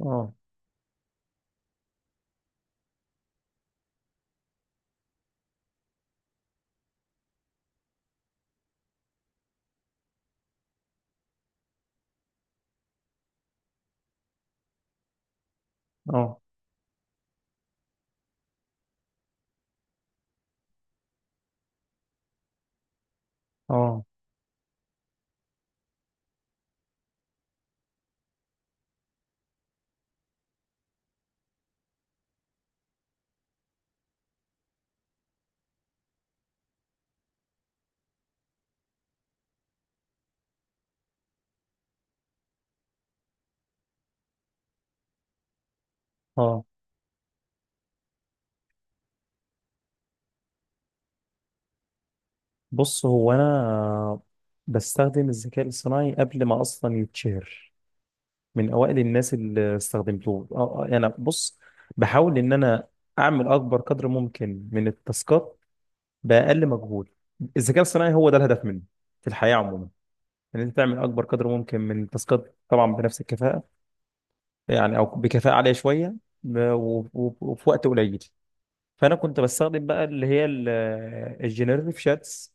اه، اه، اه، اه. بص هو انا بستخدم الذكاء الاصطناعي قبل ما اصلا يتشهر. من اوائل الناس اللي استخدمته. اه انا بص بحاول ان انا اعمل اكبر قدر ممكن من التاسكات باقل مجهود. الذكاء الاصطناعي هو ده الهدف منه في الحياه عموما، ان انت تعمل اكبر قدر ممكن من التاسكات، طبعا بنفس الكفاءه، يعني او بكفاءه عاليه شويه وفي وقت قليل. فانا كنت بستخدم بقى اللي هي الجنريتيف شاتس،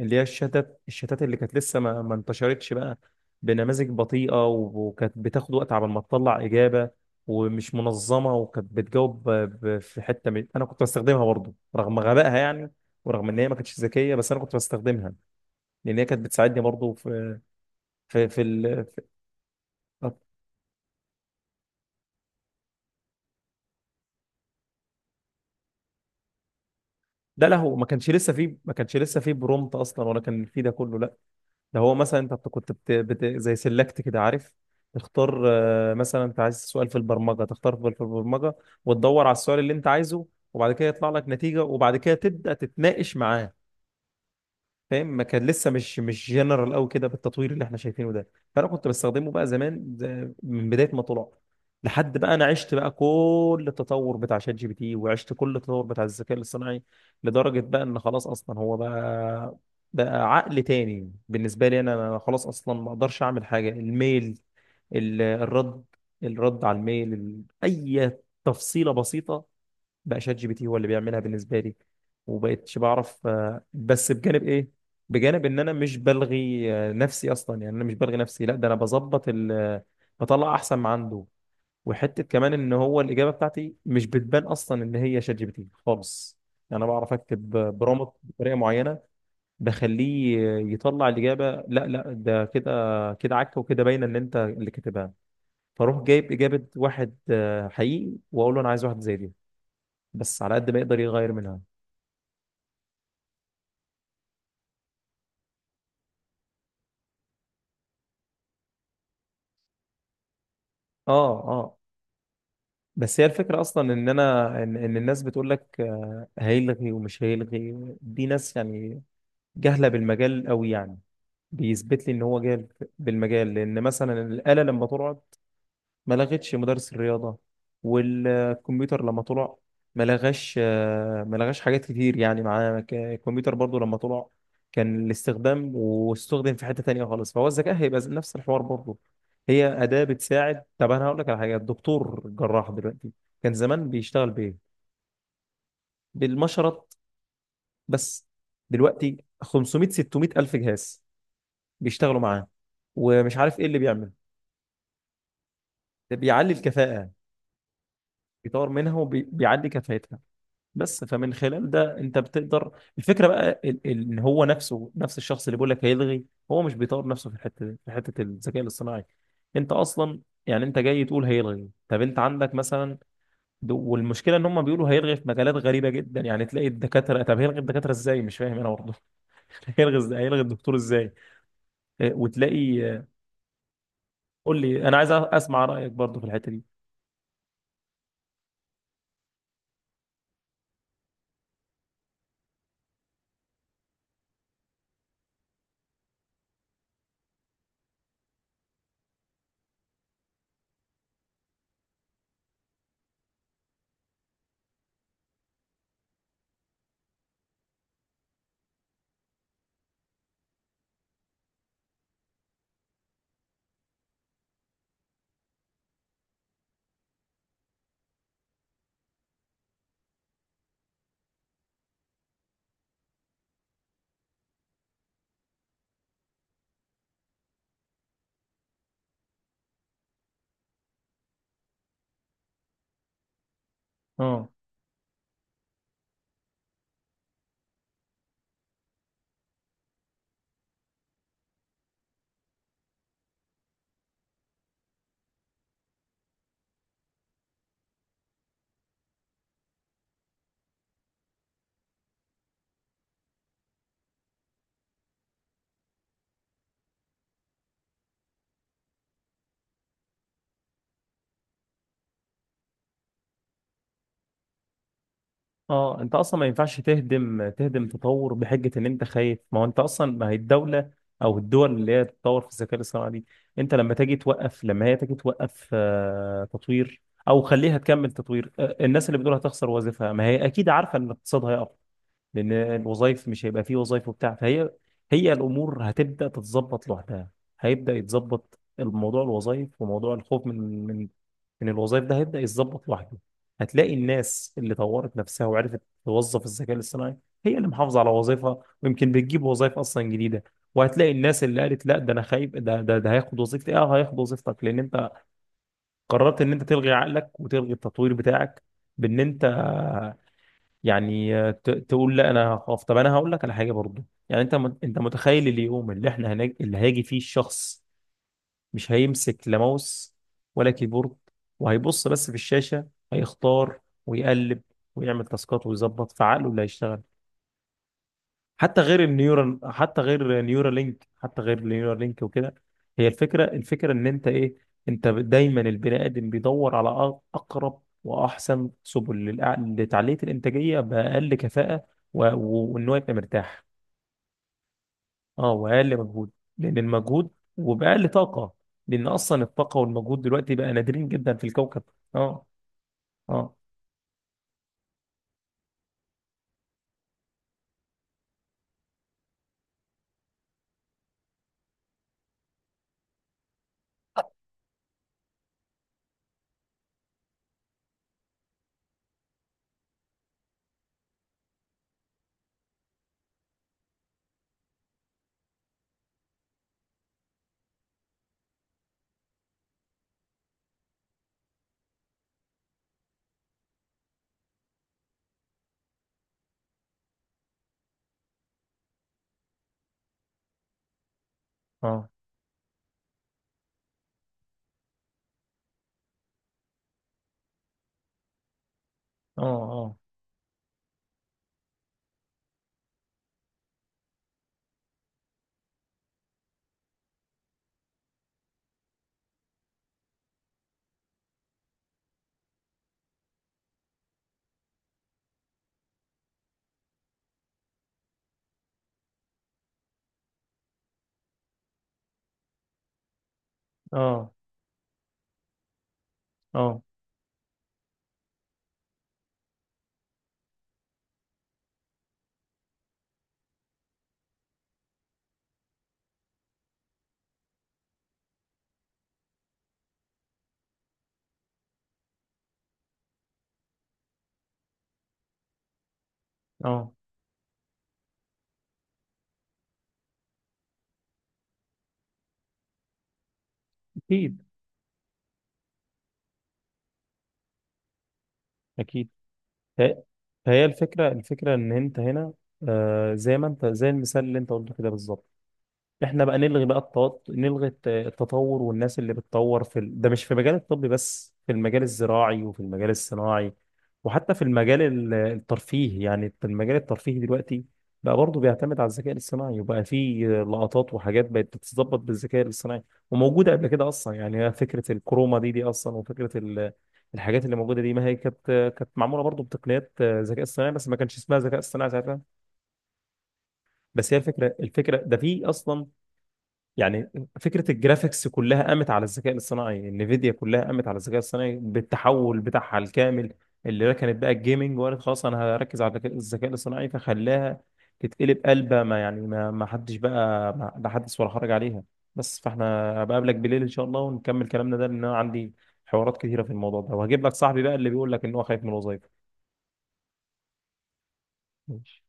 اللي هي الشتات اللي كانت لسه ما انتشرتش بقى، بنماذج بطيئة و وكانت بتاخد وقت على ما تطلع إجابة، ومش منظمة، وكانت بتجاوب أنا كنت بستخدمها برضه رغم غبائها يعني، ورغم إن هي ما كانتش ذكية، بس أنا كنت بستخدمها لأن هي كانت بتساعدني برضه في في, ال... في... ده له ما كانش لسه فيه برومت أصلا، ولا كان فيه ده كله، لا. ده هو مثلا انت كنت زي سيلكت كده، عارف، تختار مثلا انت عايز سؤال في البرمجه، تختار في البرمجه وتدور على السؤال اللي انت عايزه، وبعد كده يطلع لك نتيجه، وبعد كده تبدا تتناقش معاه. فاهم؟ ما كان لسه مش جنرال قوي كده بالتطوير اللي احنا شايفينه ده. فانا كنت بستخدمه بقى زمان، ده من بدايه ما طلع، لحد بقى انا عشت بقى كل التطور بتاع شات جي بي تي، وعشت كل التطور بتاع الذكاء الاصطناعي، لدرجه بقى ان خلاص اصلا هو بقى عقل تاني بالنسبه لي. انا خلاص اصلا ما اقدرش اعمل حاجه. الميل، الرد، الرد على الميل، ال- اي تفصيله بسيطه بقى شات جي بي تي هو اللي بيعملها بالنسبه لي. وبقيتش بعرف بس بجانب ايه؟ بجانب ان انا مش بلغي نفسي اصلا، يعني انا مش بلغي نفسي، لا، ده انا بظبط ال آه، بطلع احسن ما عنده. وحته كمان ان هو الاجابه بتاعتي مش بتبان اصلا ان هي شات جي بي تي خالص. يعني انا بعرف اكتب برومت بطريقه معينه، بخليه يطلع الاجابه، لا ده كده كده عك، وكده باينه ان انت اللي كاتبها. فاروح جايب اجابه واحد حقيقي، واقول له انا عايز واحد زي دي، بس على قد ما يقدر يغير منها. اه، اه. بس هي الفكرة أصلا إن أنا إن الناس بتقول لك هيلغي ومش هيلغي، دي ناس يعني جهلة بالمجال أوي يعني. بيثبت لي إن هو جاهل بالمجال. لأن مثلا الآلة لما تقعد، ما لغتش مدرس الرياضة. والكمبيوتر لما طلع، ما لغاش ما لغاش حاجات كتير يعني معاه. الكمبيوتر برضو لما طلع، كان الاستخدام واستخدم في حتة تانية خالص. فهو الذكاء هيبقى نفس الحوار برضو. هي أداة بتساعد. طب أنا هقول لك على حاجة: الدكتور جراح دلوقتي كان زمان بيشتغل بإيه؟ بالمشرط بس. دلوقتي 500 600 ألف جهاز بيشتغلوا معاه، ومش عارف إيه اللي بيعمل. ده بيعلي الكفاءة، بيطور منها وبيعلي كفاءتها. بس فمن خلال ده انت بتقدر. الفكره بقى ان هو نفسه، نفس الشخص اللي بيقول لك هيلغي، هو مش بيطور نفسه في الحته دي، في حته الذكاء الاصطناعي. انت اصلا يعني انت جاي تقول هيلغي؟ طب انت عندك مثلا والمشكله ان هم بيقولوا هيلغي في مجالات غريبه جدا، يعني تلاقي الدكاتره، طب هيلغي الدكاتره ازاي؟ مش فاهم انا برضه. هيلغي ازاي؟ هيلغي الدكتور ازاي؟ اه، وتلاقي اه، قول لي، انا عايز اسمع رايك برضه في الحته دي. اه، اه. انت اصلا ما ينفعش تهدم تطور بحجه ان انت خايف. ما هو انت اصلا، ما هي الدوله او الدول اللي هي تتطور في الذكاء الاصطناعي دي، انت لما تجي توقف، لما هي تجي توقف تطوير، او خليها تكمل تطوير. الناس اللي بتقول هتخسر وظيفها، ما هي اكيد عارفه ان الاقتصاد هيقع، لان الوظائف مش هيبقى فيه وظائف وبتاع. فهي، هي الامور هتبدا تتظبط لوحدها. هيبدا يتظبط الموضوع، الوظائف، وموضوع الخوف من من الوظائف، ده هيبدا يتظبط لوحده. هتلاقي الناس اللي طورت نفسها وعرفت توظف الذكاء الاصطناعي، هي اللي محافظه على وظيفها، ويمكن بتجيب وظائف اصلا جديده. وهتلاقي الناس اللي قالت لا، ده انا خايف، ده ده هياخد وظيفتي. اه، هياخد وظيفتك لان انت قررت ان انت تلغي عقلك وتلغي التطوير بتاعك، بان انت يعني تقول لا، انا هخاف. طب انا هقول لك على حاجه برضو. يعني انت انت متخيل اليوم اللي احنا اللي هيجي فيه الشخص مش هيمسك لا ماوس ولا كيبورد، وهيبص بس في الشاشه، هيختار ويقلب ويعمل تاسكات ويظبط، فعقله اللي هيشتغل. حتى غير النيورال، حتى غير نيورالينك، وكده. هي الفكره، الفكره ان انت ايه؟ انت دايما البني ادم بيدور على اقرب واحسن سبل لتعليه الانتاجيه باقل كفاءه وان هو يبقى مرتاح. اه، واقل مجهود، لان المجهود، وباقل طاقه، لان اصلا الطاقه والمجهود دلوقتي بقى نادرين جدا في الكوكب. اه، اه، اه، اه، اه، اه، اه، اه. اكيد. اكيد. هي هي الفكرة، الفكرة إن أنت هنا، آه، زي ما أنت، زي المثال اللي أنت قلته كده بالظبط. احنا بقى نلغي بقى التطور والناس اللي بتطور ده مش في مجال الطب بس، في المجال الزراعي وفي المجال الصناعي، وحتى في المجال الترفيه. يعني في المجال الترفيه دلوقتي بقى برضه بيعتمد على الذكاء الاصطناعي، وبقى في لقطات وحاجات بقت بتتظبط بالذكاء الاصطناعي، وموجودة قبل كده أصلا. يعني هي فكرة الكروما دي أصلا، وفكرة الحاجات اللي موجودة دي، ما هي كانت معمولة برضه بتقنيات ذكاء اصطناعي، بس ما كانش اسمها ذكاء اصطناعي ساعتها. بس هي الفكرة، الفكرة ده في أصلا، يعني فكرة الجرافيكس كلها قامت على الذكاء الاصطناعي. انفيديا كلها قامت على الذكاء الاصطناعي، بالتحول بتاعها الكامل، اللي ركنت بقى الجيمنج وقالت خلاص انا هركز على الذكاء الاصطناعي، فخلاها تتقلب قلبة، ما يعني ما حدش بقى، ما لا حدث ولا حرج عليها. بس فاحنا بقابلك بالليل ان شاء الله ونكمل كلامنا ده، لان انا عندي حوارات كتيرة في الموضوع ده، وهجيب لك صاحبي بقى اللي بيقول لك ان هو خايف من الوظائف. ماشي.